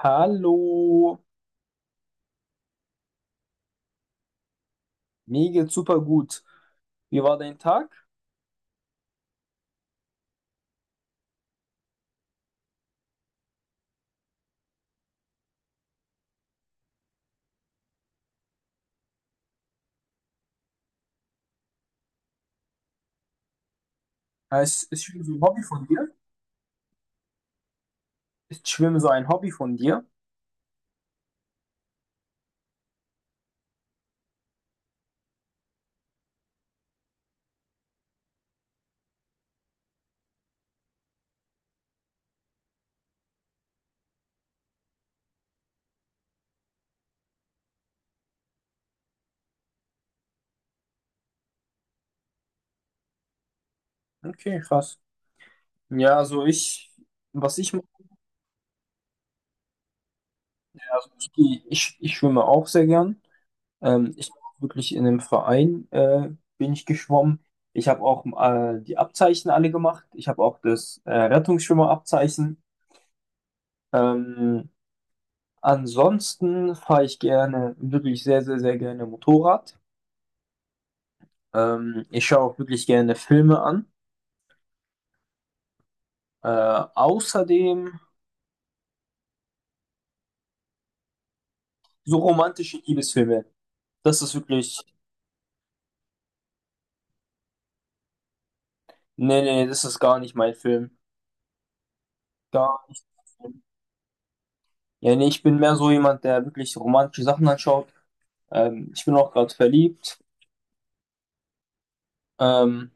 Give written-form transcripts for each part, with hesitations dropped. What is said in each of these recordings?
Hallo, mir geht's super gut. Wie war dein Tag? Ist Schwimmen so ein Hobby von dir? Ist Schwimmen so ein Hobby von dir? Okay, krass. Ja, also ich, was ich mache, Also ich schwimme auch sehr gern. Ich bin auch wirklich in einem Verein bin ich geschwommen. Ich habe auch die Abzeichen alle gemacht. Ich habe auch das Rettungsschwimmerabzeichen. Ähm, Ansonsten fahre ich gerne, wirklich sehr, sehr, sehr gerne Motorrad. Ich schaue auch wirklich gerne Filme an. Äh, außerdem so romantische Liebesfilme. Das ist wirklich, Nee, nee, das ist gar nicht mein Film. Gar nicht. Mein Film. Ja, nee, ich bin mehr so jemand, der wirklich romantische Sachen anschaut. Ich bin auch gerade verliebt. Ähm,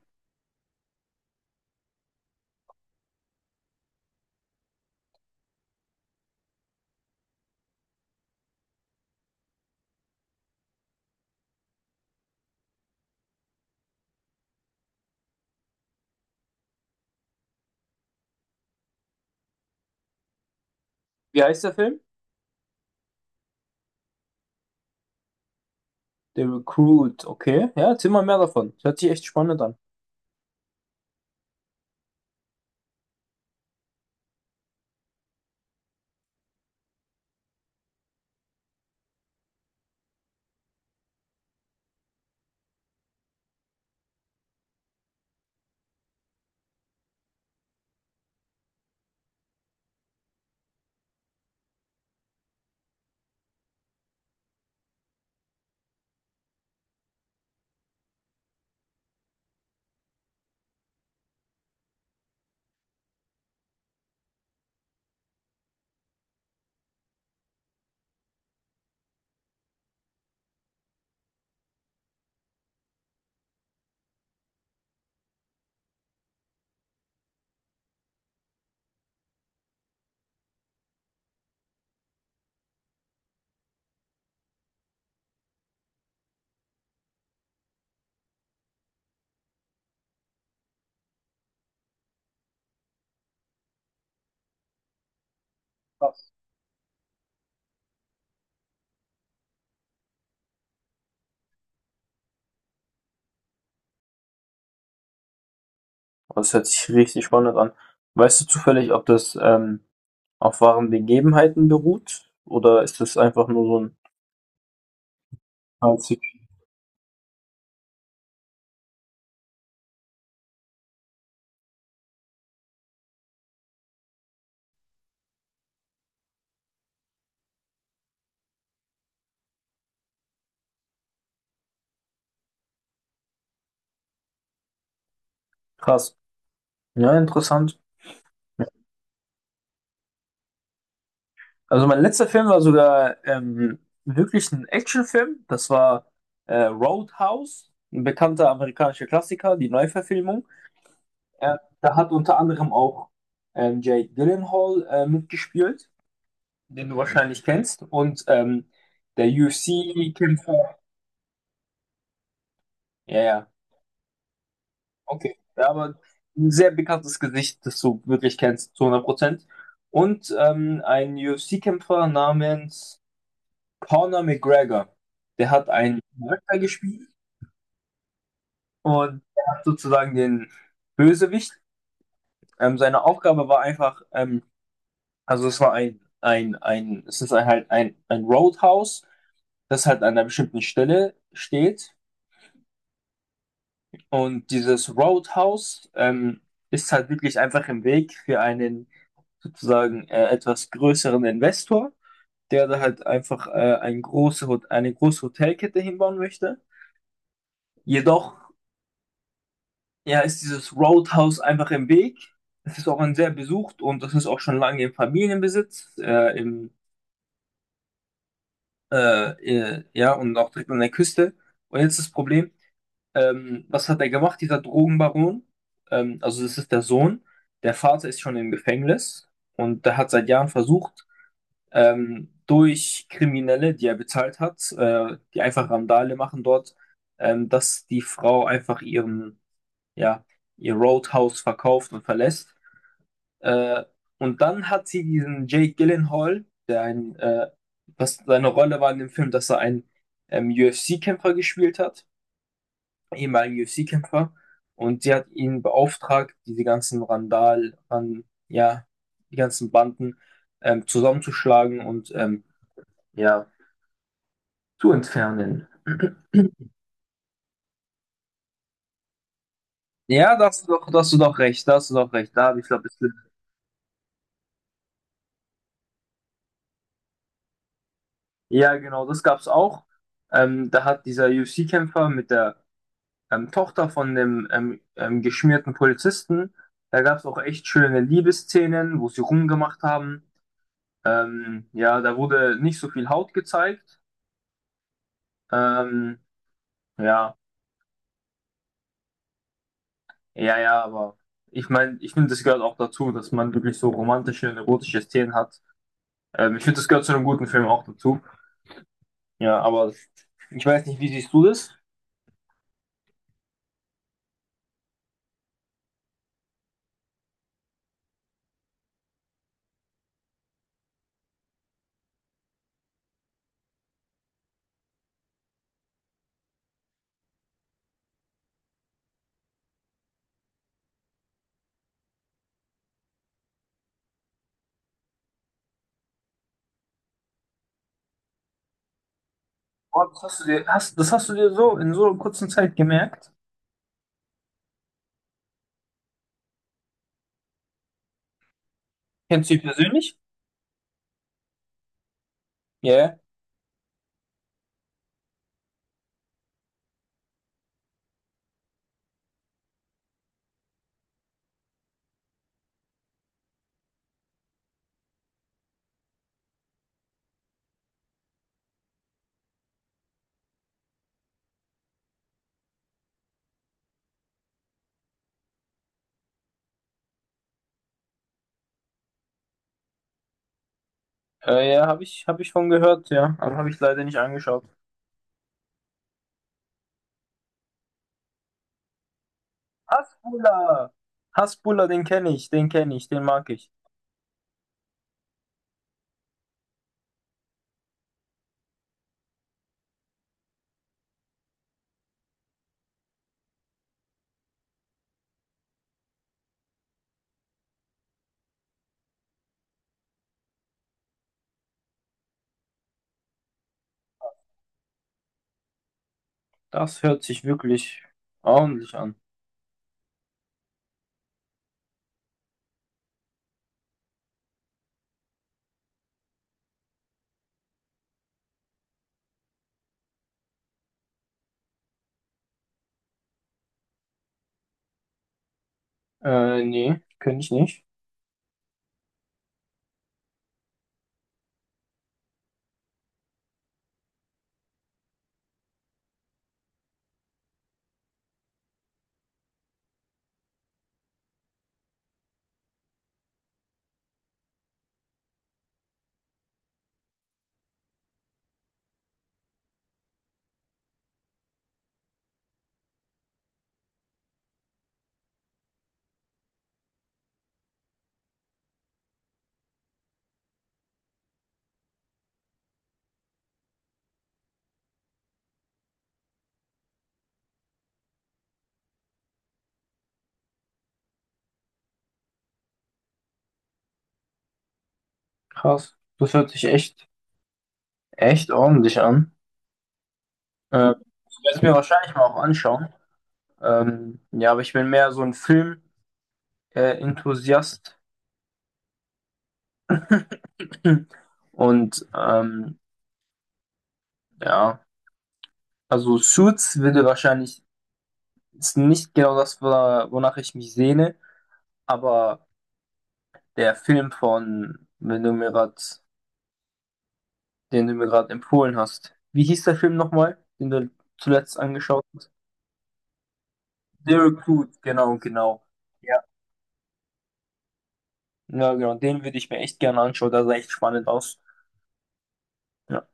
Wie heißt der Film? The Recruit, okay. Ja, erzähl mal mehr davon. Das hört sich echt spannend an. Krass. Das hört sich richtig spannend an. Weißt du zufällig, ob das auf wahren Begebenheiten beruht? Oder ist das einfach nur so ein... Krass. Ja, interessant. Ja. Also mein letzter Film war sogar wirklich ein Actionfilm. Das war Roadhouse, ein bekannter amerikanischer Klassiker, die Neuverfilmung. Da hat unter anderem auch Jake Gyllenhaal mitgespielt, den du wahrscheinlich kennst. Und der UFC-Kämpfer. Ja, ja, okay. Ja, aber ein sehr bekanntes Gesicht, das du wirklich kennst, zu 100%. Und ein UFC-Kämpfer namens Conor McGregor, der hat einen Charakter gespielt und der hat sozusagen den Bösewicht. Seine Aufgabe war einfach, also es war ein, es ist ein, halt ein Roadhouse, das halt an einer bestimmten Stelle steht. Und dieses Roadhouse ist halt wirklich einfach im Weg für einen sozusagen etwas größeren Investor, der da halt einfach ein große, Hot- eine große Hotelkette hinbauen möchte. Jedoch ja, ist dieses Roadhouse einfach im Weg. Es ist auch ein sehr besucht und das ist auch schon lange im Familienbesitz, äh, ja, und auch direkt an der Küste. Und jetzt das Problem, was hat er gemacht, dieser Drogenbaron? Also das ist der Sohn. Der Vater ist schon im Gefängnis und der hat seit Jahren versucht, durch Kriminelle, die er bezahlt hat, die einfach Randale machen dort, dass die Frau einfach ihren, ja, ihr Roadhouse verkauft und verlässt. Äh, und dann hat sie diesen Jake Gyllenhaal, der ein, was seine Rolle war in dem Film, dass er einen UFC-Kämpfer gespielt hat, ehemaligen UFC-Kämpfer. Und sie hat ihn beauftragt, diese ja, die ganzen Banden zusammenzuschlagen und ja, zu entfernen. Ja, da hast du doch, da hast du doch recht, da hast du doch recht. Da habe ich, glaube ich, ja, genau, das gab's auch. Da hat dieser UFC-Kämpfer mit der Tochter von dem geschmierten Polizisten. Da gab es auch echt schöne Liebesszenen, wo sie rumgemacht haben. Ja, da wurde nicht so viel Haut gezeigt. Ähm, ja, ja, ja, aber ich meine, ich finde, das gehört auch dazu, dass man wirklich so romantische und erotische Szenen hat. Ich finde, das gehört zu einem guten Film auch dazu. Ja, aber ich weiß nicht, wie siehst du das? Oh, das hast du dir, hast, das hast du dir so in so einer kurzen Zeit gemerkt? Kennst du ihn persönlich? Ja. Ja, habe ich, hab ich von gehört, ja. Aber habe ich leider nicht angeschaut. Hasbulla! Hasbulla, den kenne ich, den kenne ich, den mag ich. Das hört sich wirklich ordentlich an. Nee, kenne ich nicht. Krass. Das hört sich echt, echt ordentlich an. Äh, Ich werde es mir wahrscheinlich mal auch anschauen. Ja, aber ich bin mehr so ein Film-Enthusiast. Und ja, also Suits würde wahrscheinlich ist nicht genau das, wonach ich mich sehne. Aber der Film von, wenn du mir grad, den du mir gerade empfohlen hast, wie hieß der Film nochmal, den du zuletzt angeschaut hast? The Recruit, genau, genau. Ja. Ja, genau, den würde ich mir echt gerne anschauen, der sah echt spannend aus. Ja,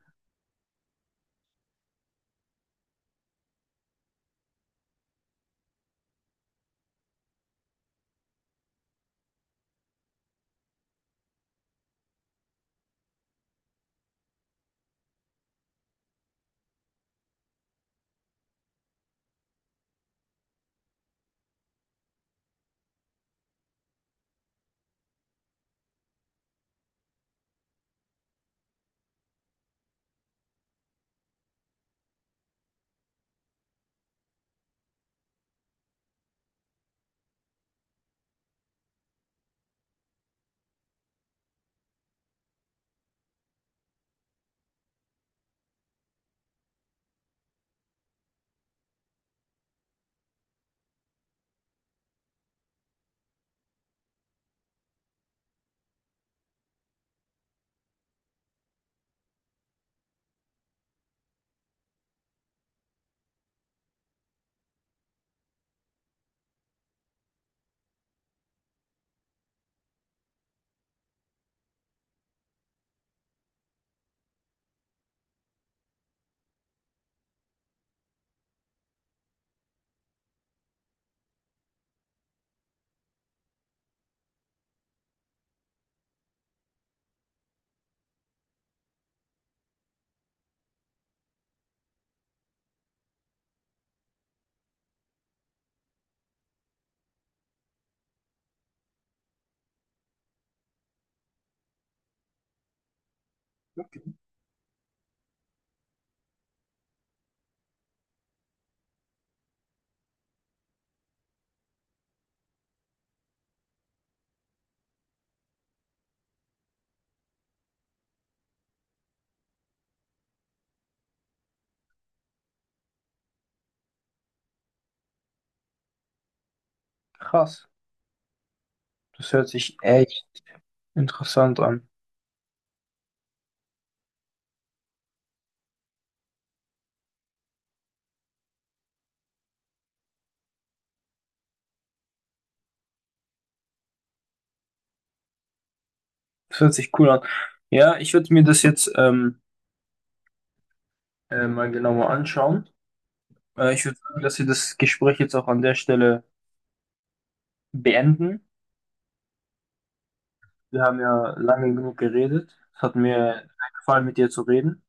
krass. Das hört sich echt interessant an. Das hört sich cool an. Ja, ich würde mir das jetzt mal genauer anschauen. Ich würde sagen, dass wir das Gespräch jetzt auch an der Stelle beenden. Wir haben ja lange genug geredet. Es hat mir sehr gefallen, mit dir zu reden.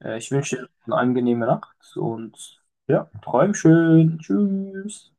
Ich wünsche dir eine angenehme Nacht und ja, träum schön. Tschüss.